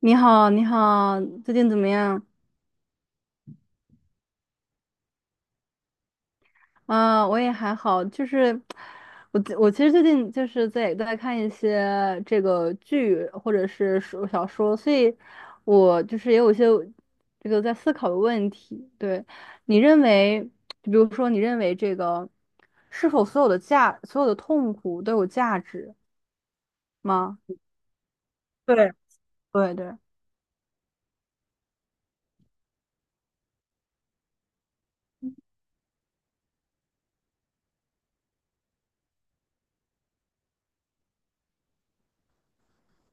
你好，你好，最近怎么样？我也还好，就是我其实最近就是在看一些这个剧或者是说小说，所以我就是也有一些这个在思考的问题。对，你认为，就比如说，你认为这个是否所有的价，所有的痛苦都有价值吗？对对对，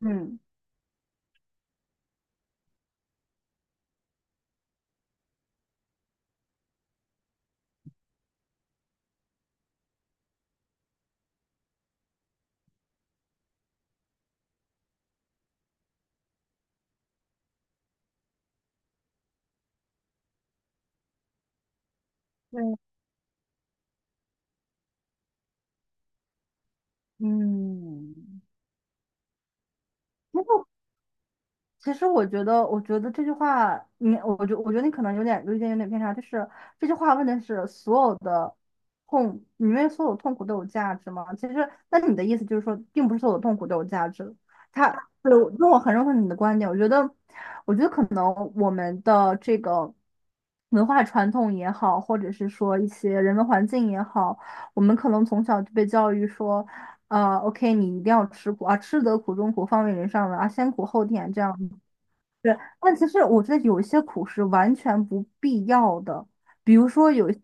嗯。对，嗯，那其实我觉得，我觉得这句话，你，我觉得你可能有点有一点有点偏差，就是这句话问的是所有的痛，你认为所有痛苦都有价值吗？其实，那你的意思就是说，并不是所有痛苦都有价值。他，对，我，那我很认可你的观点，我觉得，我觉得可能我们的这个文化传统也好，或者是说一些人文环境也好，我们可能从小就被教育说。OK，你一定要吃苦啊，吃得苦中苦，方为人上人啊，先苦后甜这样。对，但其实我觉得有一些苦是完全不必要的，比如说有一些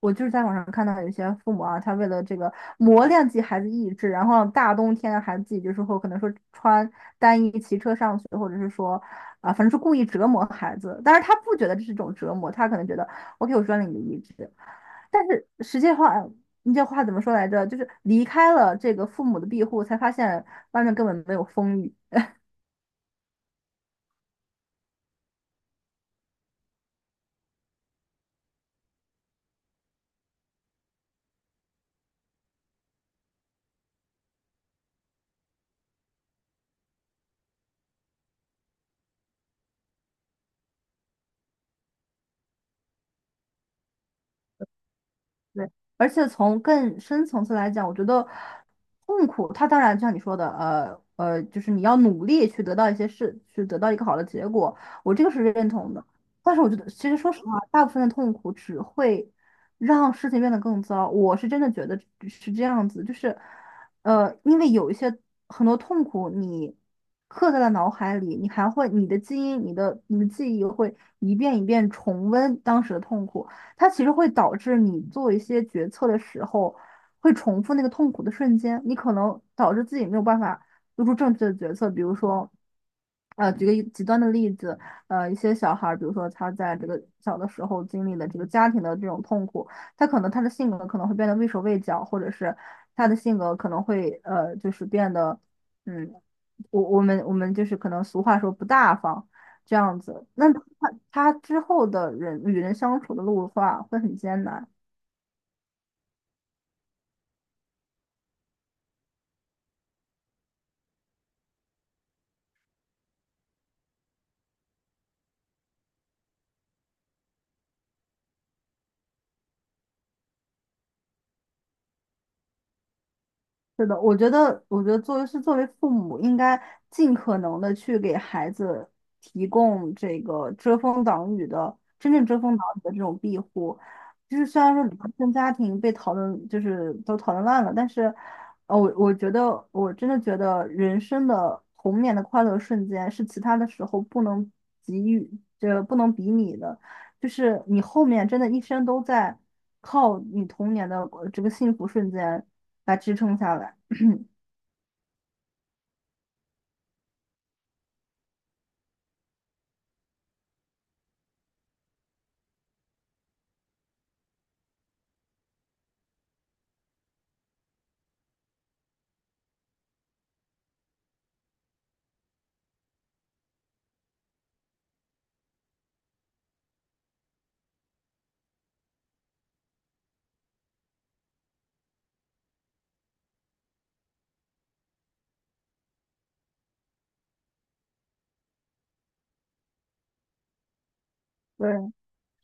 我就是在网上看到有些父母啊，他为了这个磨练自己孩子意志，然后大冬天的孩子自己就是会可能说穿单衣骑车上学，或者是说反正是故意折磨孩子，但是他不觉得这是一种折磨，他可能觉得 OK，我锻炼你的意志，但是实际话，你这话怎么说来着？就是离开了这个父母的庇护，才发现外面根本没有风雨。对，而且从更深层次来讲，我觉得痛苦，它当然就像你说的，就是你要努力去得到一些事，去得到一个好的结果，我这个是认同的。但是我觉得，其实说实话，大部分的痛苦只会让事情变得更糟。我是真的觉得是这样子，就是，因为有一些很多痛苦，你刻在了脑海里，你还会你的记忆会一遍一遍重温当时的痛苦。它其实会导致你做一些决策的时候，会重复那个痛苦的瞬间，你可能导致自己没有办法做出正确的决策。比如说，举个一极端的例子，一些小孩儿，比如说他在这个小的时候经历了这个家庭的这种痛苦，他可能他的性格可能会变得畏手畏脚，或者是他的性格可能会呃，就是变得，嗯，我们就是可能俗话说不大方。这样子。他之后的人与人相处的路的话，会很艰难。是的，我觉得，作为父母，应该尽可能的去给孩子提供这个遮风挡雨的，真正遮风挡雨的这种庇护。就是虽然说离婚家庭被讨论，就是都讨论烂了，但是，我觉得，我真的觉得人生的童年的快乐瞬间是其他的时候不能给予，这不能比拟的。就是你后面真的一生都在靠你童年的这个幸福瞬间来支撑下来。对，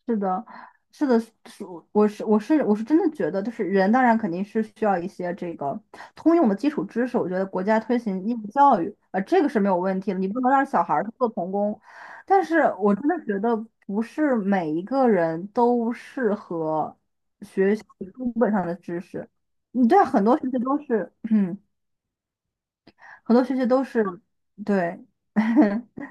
是的，是的，我是真的觉得，就是人当然肯定是需要一些这个通用的基础知识。我觉得国家推行义务教育，这个是没有问题的，你不能让小孩儿去做童工。但是我真的觉得不是每一个人都适合学习书本上的知识。你对啊很多学习都是，嗯，很多学习都是，对，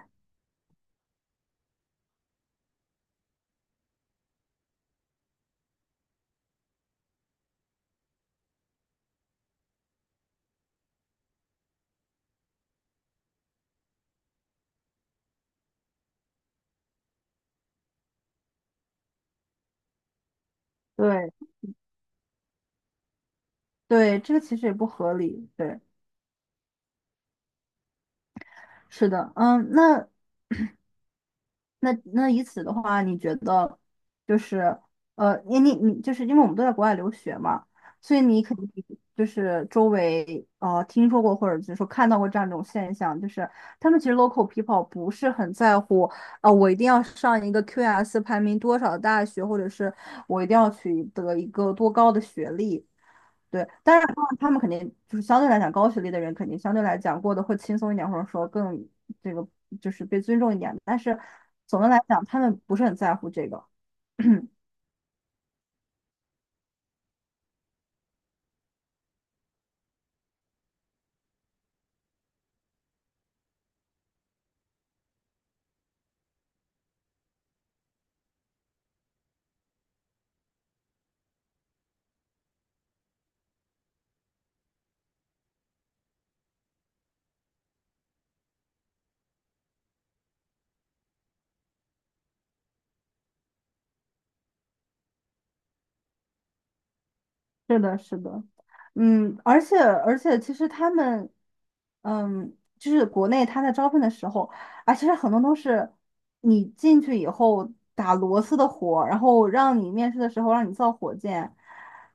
对对，这个其实也不合理。对，是的，嗯，那。那以此的话，你觉得就是呃，你你你，就是因为我们都在国外留学嘛，所以你肯定就是周围听说过或者就是说看到过这样一种现象，就是他们其实 local people 不是很在乎我一定要上一个 QS 排名多少的大学，或者是我一定要取得一个多高的学历，对，但是他们肯定就是相对来讲，高学历的人肯定相对来讲过得会轻松一点，或者说更这个就是被尊重一点。但是总的来讲，他们不是很在乎这个。是的，是的，嗯，而且，其实他们，嗯，就是国内他在招聘的时候，啊，其实很多都是你进去以后打螺丝的活，然后让你面试的时候让你造火箭，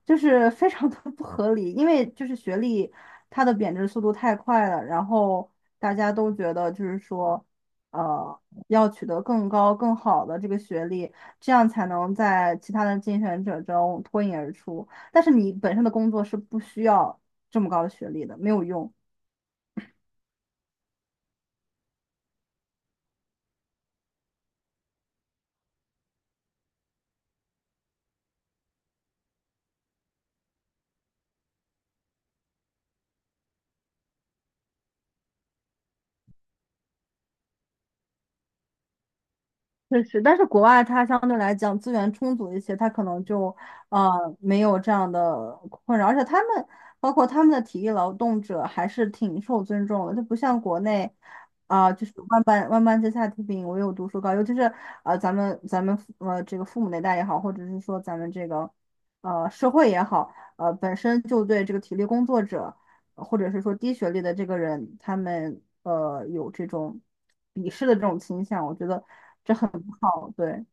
就是非常的 不合理，因为就是学历它的贬值速度太快了，然后大家都觉得就是说，呃，要取得更高更好的这个学历，这样才能在其他的竞选者中脱颖而出。但是你本身的工作是不需要这么高的学历的，没有用。确实，但是国外它相对来讲资源充足一些，它可能就呃没有这样的困扰，而且他们包括他们的体力劳动者还是挺受尊重的，就不像国内就是万般皆下品，唯有读书高，尤其是呃咱们咱们父呃这个父母那代也好，或者是说咱们这个社会也好，本身就对这个体力工作者或者是说低学历的这个人，他们有这种鄙视的这种倾向，我觉得。这。好，对，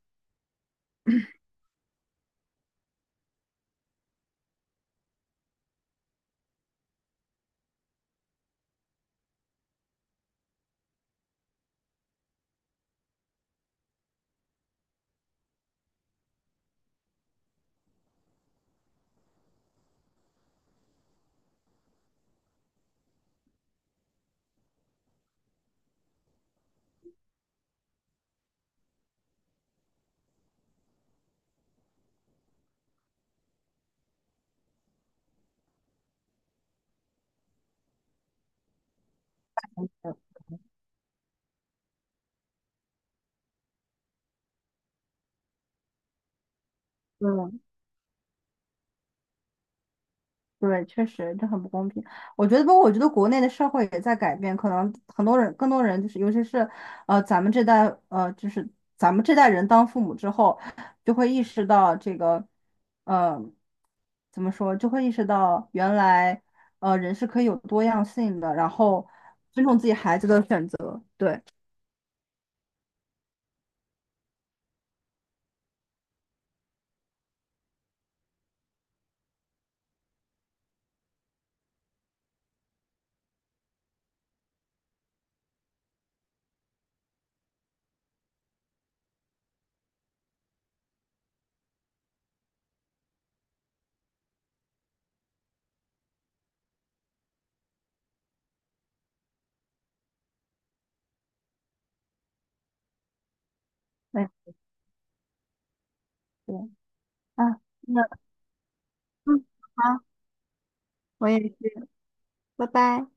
嗯，嗯对，确实这很不公平。我觉得，不过我觉得国内的社会也在改变，可能很多人，更多人就是，尤其是咱们这代，就是咱们这代人当父母之后，就会意识到这个，呃，怎么说，就会意识到原来，人是可以有多样性的，然后尊重自己孩子的选择。对，对，对，啊，那嗯，好，我也是，拜拜。